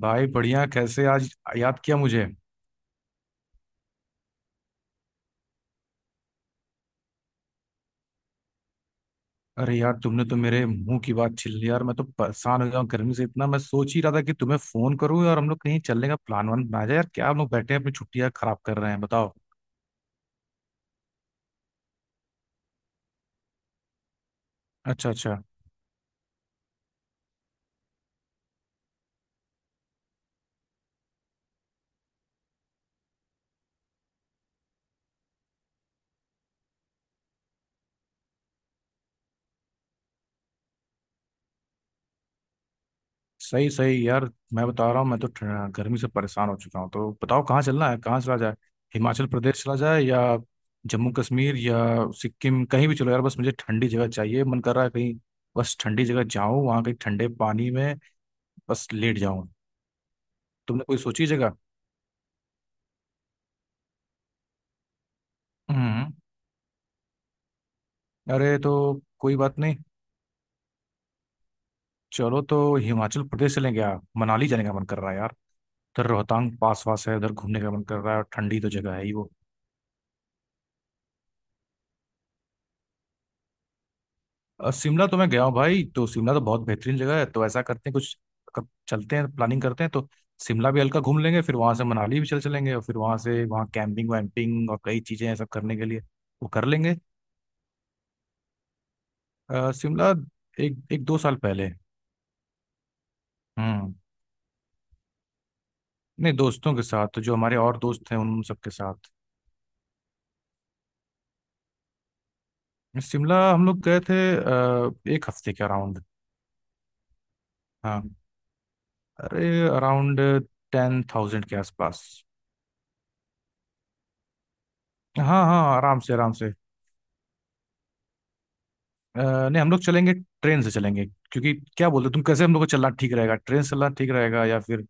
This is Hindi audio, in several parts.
भाई बढ़िया। कैसे आज याद किया मुझे? अरे यार, तुमने तो मेरे मुंह की बात छीन ली यार। मैं तो परेशान हो गया हूँ गर्मी से इतना। मैं सोच ही रहा था कि तुम्हें फोन करूँ और हम लोग कहीं चलने का प्लान वन बनाया जाए। यार क्या हम लोग बैठे हैं अपनी छुट्टियां खराब कर रहे हैं, बताओ। अच्छा अच्छा। सही सही यार। मैं बता रहा हूँ, मैं तो गर्मी से परेशान हो चुका हूँ। तो बताओ कहाँ चलना है, कहाँ चला जाए? हिमाचल प्रदेश चला जाए या जम्मू कश्मीर या सिक्किम, कहीं भी चलो यार। बस मुझे ठंडी जगह चाहिए। मन कर रहा है कहीं बस ठंडी जगह जाऊँ, वहाँ कहीं ठंडे पानी में बस लेट जाऊँ। तुमने कोई सोची जगह? हम्म। अरे तो कोई बात नहीं, चलो तो हिमाचल प्रदेश चलें क्या? मनाली जाने का मन कर रहा है यार। उधर रोहतांग पास वास है, उधर घूमने का मन कर रहा है और ठंडी तो जगह है ही वो। शिमला तो मैं गया हूँ भाई। तो शिमला तो बहुत बेहतरीन जगह है। तो ऐसा करते हैं कुछ, कब चलते हैं प्लानिंग करते हैं तो। शिमला भी हल्का घूम लेंगे, फिर वहां से मनाली भी चल चलेंगे, और फिर वहां से वहाँ कैंपिंग वैम्पिंग और कई चीजें हैं सब करने के लिए, वो कर लेंगे। शिमला एक एक दो साल पहले। हम्म। नहीं दोस्तों के साथ, जो हमारे और दोस्त हैं उन सबके साथ। शिमला हम लोग गए थे एक हफ्ते के अराउंड। हाँ, अरे अराउंड 10,000 के आसपास। हाँ हाँ, आराम से आराम से। नहीं हम लोग चलेंगे, ट्रेन से चलेंगे। क्योंकि क्या बोलते हो तुम? कैसे हम लोग को चलना ठीक रहेगा, ट्रेन से चलना ठीक रहेगा या फिर?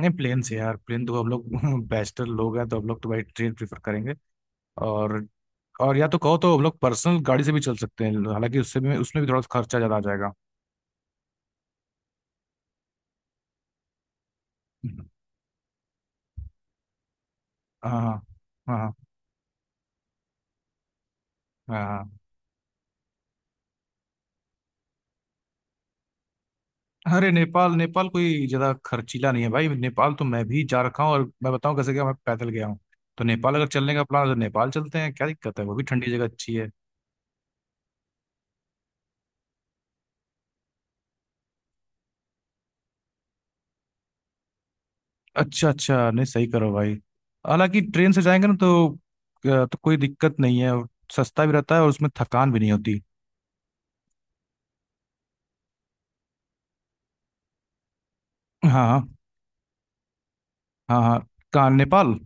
नहीं प्लेन से यार, प्लेन तो हम लोग बैचलर लोग हैं, तो हम लोग तो भाई ट्रेन प्रेफर करेंगे। और या तो कहो तो हम लोग पर्सनल गाड़ी से भी चल सकते हैं, हालांकि उससे भी उसमें भी थोड़ा सा खर्चा ज़्यादा आ जाएगा। हाँ हाँ। हाँ हाँ। हाँ। अरे नेपाल, नेपाल कोई ज्यादा खर्चीला नहीं है भाई। नेपाल तो मैं भी जा रखा हूँ, और मैं बताऊँ कैसे गया, मैं पैदल गया हूँ। तो नेपाल अगर चलने का प्लान है तो नेपाल चलते हैं, क्या दिक्कत है? वो भी ठंडी जगह अच्छी है। अच्छा अच्छा, नहीं सही करो भाई। हालांकि ट्रेन से जाएंगे ना तो कोई दिक्कत नहीं है, और सस्ता भी रहता है और उसमें थकान भी नहीं होती। हाँ हाँ। हाँ हाँ। कहाँ नेपाल?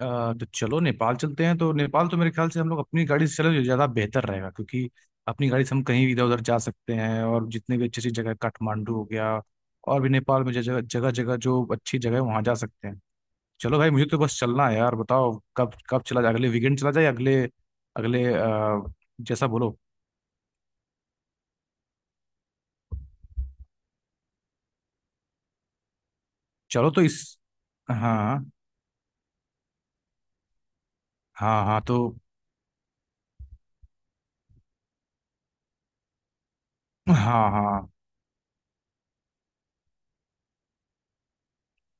अ, तो चलो नेपाल चलते हैं। तो नेपाल तो मेरे ख्याल से हम लोग अपनी गाड़ी से चले तो ज़्यादा बेहतर रहेगा, क्योंकि अपनी गाड़ी से हम कहीं भी इधर उधर जा सकते हैं, और जितने भी अच्छी अच्छी जगह काठमांडू हो गया और भी नेपाल में जगह जगह जगह जो अच्छी जगह है वहाँ जा सकते हैं। चलो भाई मुझे तो बस चलना है यार, बताओ कब कब चला जाए? अगले वीकेंड चला जाए, अगले अगले जैसा बोलो। चलो तो इस हाँ। हाँ हाँ तो हाँ हाँ।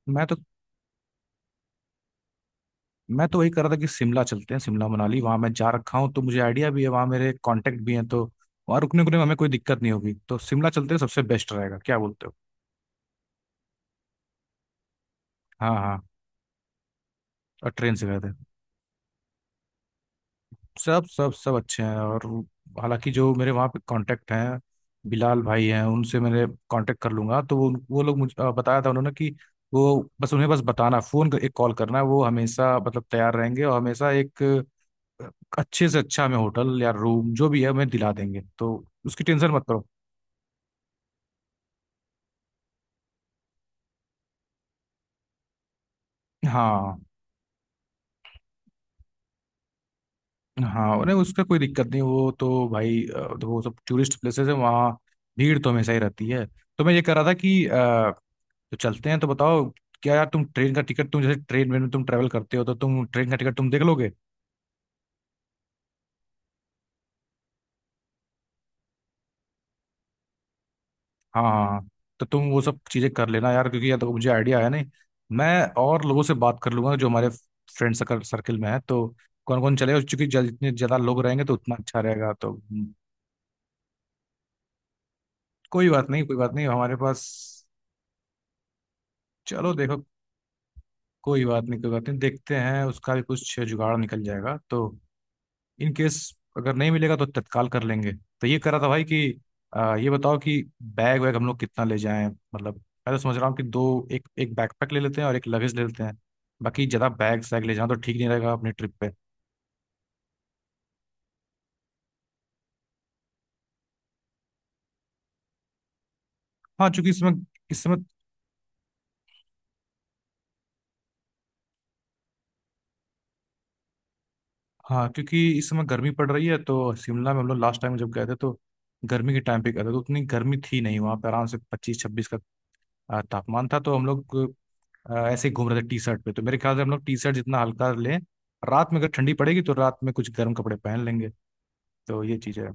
मैं तो मैं तो वही कर रहा था कि शिमला चलते हैं। शिमला मनाली वहां मैं जा रखा हूँ, तो मुझे आइडिया भी है, वहां मेरे कांटेक्ट भी हैं, तो वहां रुकने उकने में हमें कोई दिक्कत नहीं होगी। तो शिमला चलते हैं, सबसे बेस्ट रहेगा, क्या बोलते हो? हाँ हाँ, और ट्रेन से गए थे। सब सब सब अच्छे हैं। और हालांकि जो मेरे वहाँ पे कांटेक्ट हैं, बिलाल भाई हैं, उनसे मैंने कांटेक्ट कर लूंगा। तो वो लोग मुझे बताया था उन्होंने कि वो बस उन्हें बस बताना, फ़ोन कर एक कॉल करना है, वो हमेशा मतलब तैयार रहेंगे और हमेशा एक अच्छे से अच्छा हमें होटल या रूम जो भी है हमें दिला देंगे तो। उसकी टेंशन मत करो। हाँ हाँ, अरे उसका कोई दिक्कत नहीं। वो तो भाई तो वो सब टूरिस्ट प्लेसेस है वहाँ, भीड़ तो हमेशा ही रहती है। तो मैं ये कह रहा था कि तो चलते हैं तो बताओ, क्या यार तुम ट्रेन का टिकट, तुम जैसे ट्रेन में तुम ट्रेवल करते हो तो तुम ट्रेन का टिकट तुम देख लोगे? हाँ हाँ हाँ। तो तुम वो सब चीज़ें कर लेना यार, क्योंकि यार देखो मुझे आइडिया है नहीं। मैं और लोगों से बात कर लूंगा, जो हमारे फ्रेंड सर्कल सर्कल में है, तो कौन कौन चलेगा, क्योंकि जितने ज़्यादा लोग रहेंगे तो उतना अच्छा रहेगा तो। हम्म। कोई बात नहीं, कोई बात नहीं, हमारे पास। चलो देखो कोई बात नहीं, कोई बात नहीं, देखते हैं उसका भी कुछ जुगाड़ निकल जाएगा। तो इन केस, अगर नहीं मिलेगा तो तत्काल कर लेंगे। तो ये कर रहा था भाई कि ये बताओ कि बैग वैग हम लोग कितना ले जाएं? मतलब मैं तो समझ रहा हूँ कि दो, एक एक बैकपैक ले लेते हैं और एक लगेज ले लेते हैं, बाकी ज़्यादा बैग सैग ले जाना तो ठीक नहीं रहेगा अपनी ट्रिप पे। हाँ, चूंकि इस समय हाँ क्योंकि इस समय गर्मी पड़ रही है, तो शिमला में हम लोग लास्ट टाइम जब गए थे तो गर्मी के टाइम पे गए थे तो उतनी गर्मी थी नहीं वहाँ पे। आराम से 25-26 का तापमान था, तो हम लोग ऐसे ही घूम रहे थे टी शर्ट पे। तो मेरे ख्याल से हम लोग टी शर्ट जितना हल्का लें, रात में अगर ठंडी पड़ेगी तो रात में कुछ गर्म कपड़े पहन लेंगे। तो ये चीज़ है।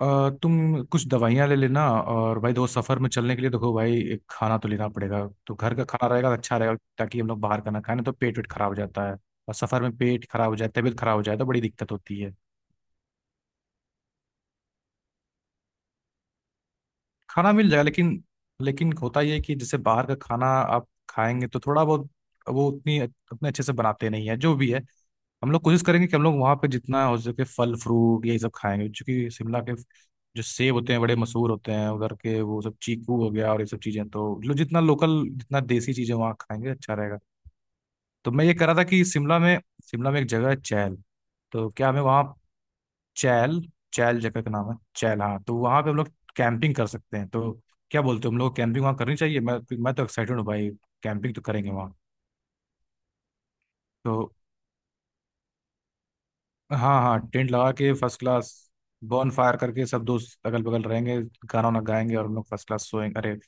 तुम कुछ दवाइयाँ ले लेना और भाई दोस्त सफ़र में चलने के लिए, देखो भाई एक खाना तो लेना पड़ेगा, तो घर का खाना रहेगा तो अच्छा रहेगा, ताकि हम लोग बाहर का ना खाएं, ना तो पेट वेट खराब हो जाता है। और सफ़र में पेट खराब हो जाए, तबीयत खराब हो जाए, तो बड़ी दिक्कत होती है। खाना मिल जाएगा लेकिन, लेकिन होता ये है कि जैसे बाहर का खाना आप खाएंगे तो थोड़ा बहुत वो उतनी अपने अच्छे से बनाते नहीं है, जो भी है। हम लोग कोशिश करेंगे कि हम लोग वहाँ पे जितना हो सके फल फ्रूट यही सब खाएंगे, क्योंकि शिमला के जो सेब होते हैं बड़े मशहूर होते हैं उधर के, वो सब, चीकू हो गया और ये सब चीज़ें, तो लो जितना लोकल जितना देसी चीज़ें वहाँ खाएंगे अच्छा रहेगा। तो मैं ये कह रहा था कि शिमला में एक जगह है चैल, तो क्या हमें वहाँ चैल, चैल जगह का नाम है चैल, हाँ, तो वहाँ पे हम लोग कैंपिंग कर सकते हैं, तो क्या बोलते हो हम लोग कैंपिंग वहाँ करनी चाहिए? मैं तो एक्साइटेड हूँ भाई, कैंपिंग तो करेंगे वहाँ। तो हाँ हाँ, टेंट लगा के फर्स्ट क्लास। बॉन फायर करके सब दोस्त अगल बगल रहेंगे, गाना वाना गाएंगे और हम लोग फर्स्ट क्लास सोएंगे। अरे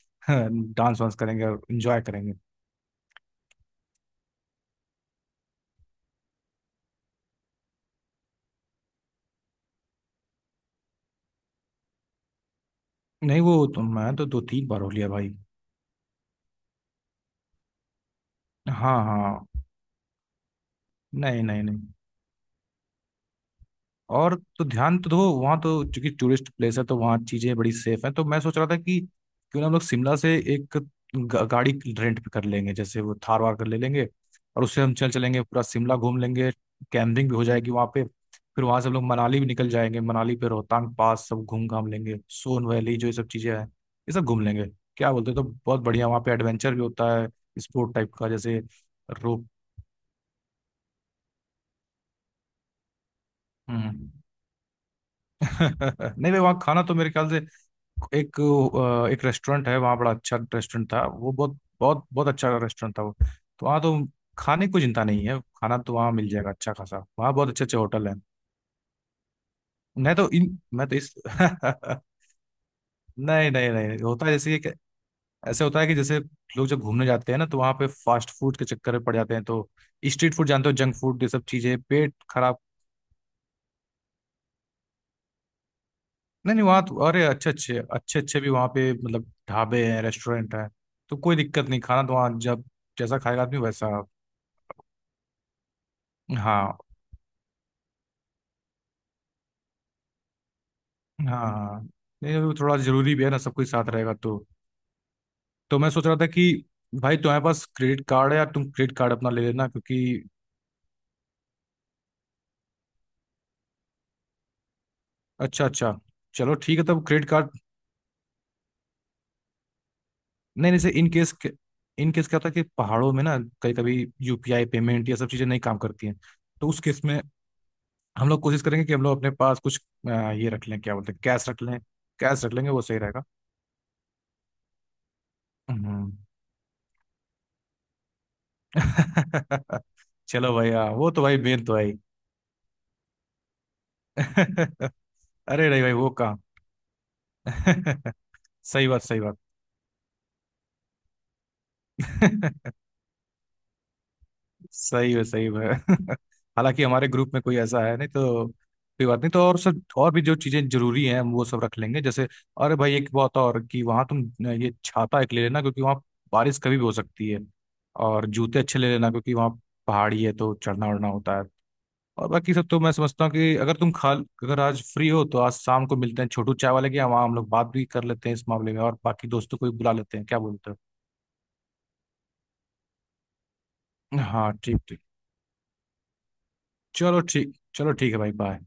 डांस वांस करेंगे और इंजॉय करेंगे। नहीं वो तो मैं तो 2-3 बार हो लिया भाई। हाँ हाँ। नहीं नहीं नहीं। और तो ध्यान तो दो वहाँ, तो चूंकि टूरिस्ट प्लेस है तो वहाँ चीज़ें बड़ी सेफ हैं। तो मैं सोच रहा था कि क्यों ना हम लोग शिमला से एक गाड़ी रेंट पे कर लेंगे, जैसे वो थार वार कर ले लेंगे, और उससे हम चल चलेंगे, पूरा शिमला घूम लेंगे, कैंपिंग भी हो जाएगी वहाँ पे। फिर वहाँ से हम लोग मनाली भी निकल जाएंगे, मनाली पे रोहतांग पास सब घूम घाम लेंगे, सोन वैली जो ये सब चीज़ें हैं ये सब घूम लेंगे। क्या बोलते हो, तो बहुत बढ़िया, वहाँ पे एडवेंचर भी होता है स्पोर्ट टाइप का, जैसे रोप। हम्म। नहीं भाई, वहाँ खाना तो मेरे ख्याल से एक, एक रेस्टोरेंट है वहाँ, बड़ा अच्छा रेस्टोरेंट था वो, बहुत बहुत बहुत अच्छा रेस्टोरेंट था वो। तो वहाँ तो खाने की कोई चिंता नहीं है, खाना तो वहाँ मिल जाएगा अच्छा खासा, वहाँ बहुत अच्छे अच्छे होटल हैं। मैं तो इस नहीं नहीं नहीं होता है, जैसे ये कि, ऐसे होता है कि जैसे लोग जब घूमने जाते हैं ना तो वहाँ पे फास्ट फूड के चक्कर में पड़ जाते हैं, तो स्ट्रीट फूड जानते हो, जंक फूड, ये सब चीजें पेट खराब। नहीं नहीं, वहाँ तो अरे अच्छे अच्छे भी वहाँ पे मतलब ढाबे हैं, रेस्टोरेंट हैं। तो कोई दिक्कत नहीं, खाना तो वहाँ जब जैसा खाएगा आदमी वैसा। हाँ हाँ हाँ। नहीं वो थोड़ा जरूरी भी है ना, सब कुछ साथ रहेगा तो। तो मैं सोच रहा था कि भाई तुम्हारे पास क्रेडिट कार्ड है या तुम क्रेडिट कार्ड अपना ले लेना, क्योंकि अच्छा अच्छा, चलो ठीक है तब क्रेडिट कार्ड। नहीं नहीं, से इन केस, इन केस क्या होता है कि पहाड़ों में ना कभी कभी यूपीआई पेमेंट ये सब चीज़ें नहीं काम करती हैं। तो उस केस में हम लोग कोशिश करेंगे कि हम लोग अपने पास कुछ ये रख लें, क्या बोलते हैं, कैश रख लें। कैश रख लेंगे, वो सही रहेगा। हम्म। चलो भैया वो तो भाई मेन तो है ही। अरे नहीं भाई वो कहाँ। सही बात, सही बात। सही है, सही है। हालांकि हमारे ग्रुप में कोई ऐसा है नहीं, तो कोई बात नहीं तो। और सर, और भी जो चीजें जरूरी हैं हम वो सब रख लेंगे, जैसे अरे भाई एक बात और, कि वहां तुम ये छाता एक ले लेना, क्योंकि वहां बारिश कभी भी हो सकती है। और जूते अच्छे ले लेना, क्योंकि वहाँ पहाड़ी है तो चढ़ना उड़ना होता है। और बाकी सब तो मैं समझता हूँ कि अगर तुम खाल अगर आज फ्री हो तो आज शाम को मिलते हैं छोटू चाय वाले के यहाँ, वहाँ हम लोग बात भी कर लेते हैं इस मामले में और बाकी दोस्तों को भी बुला लेते हैं, क्या बोलते हो? हाँ ठीक ठीक। चलो ठीक, चलो ठीक है भाई, बाय।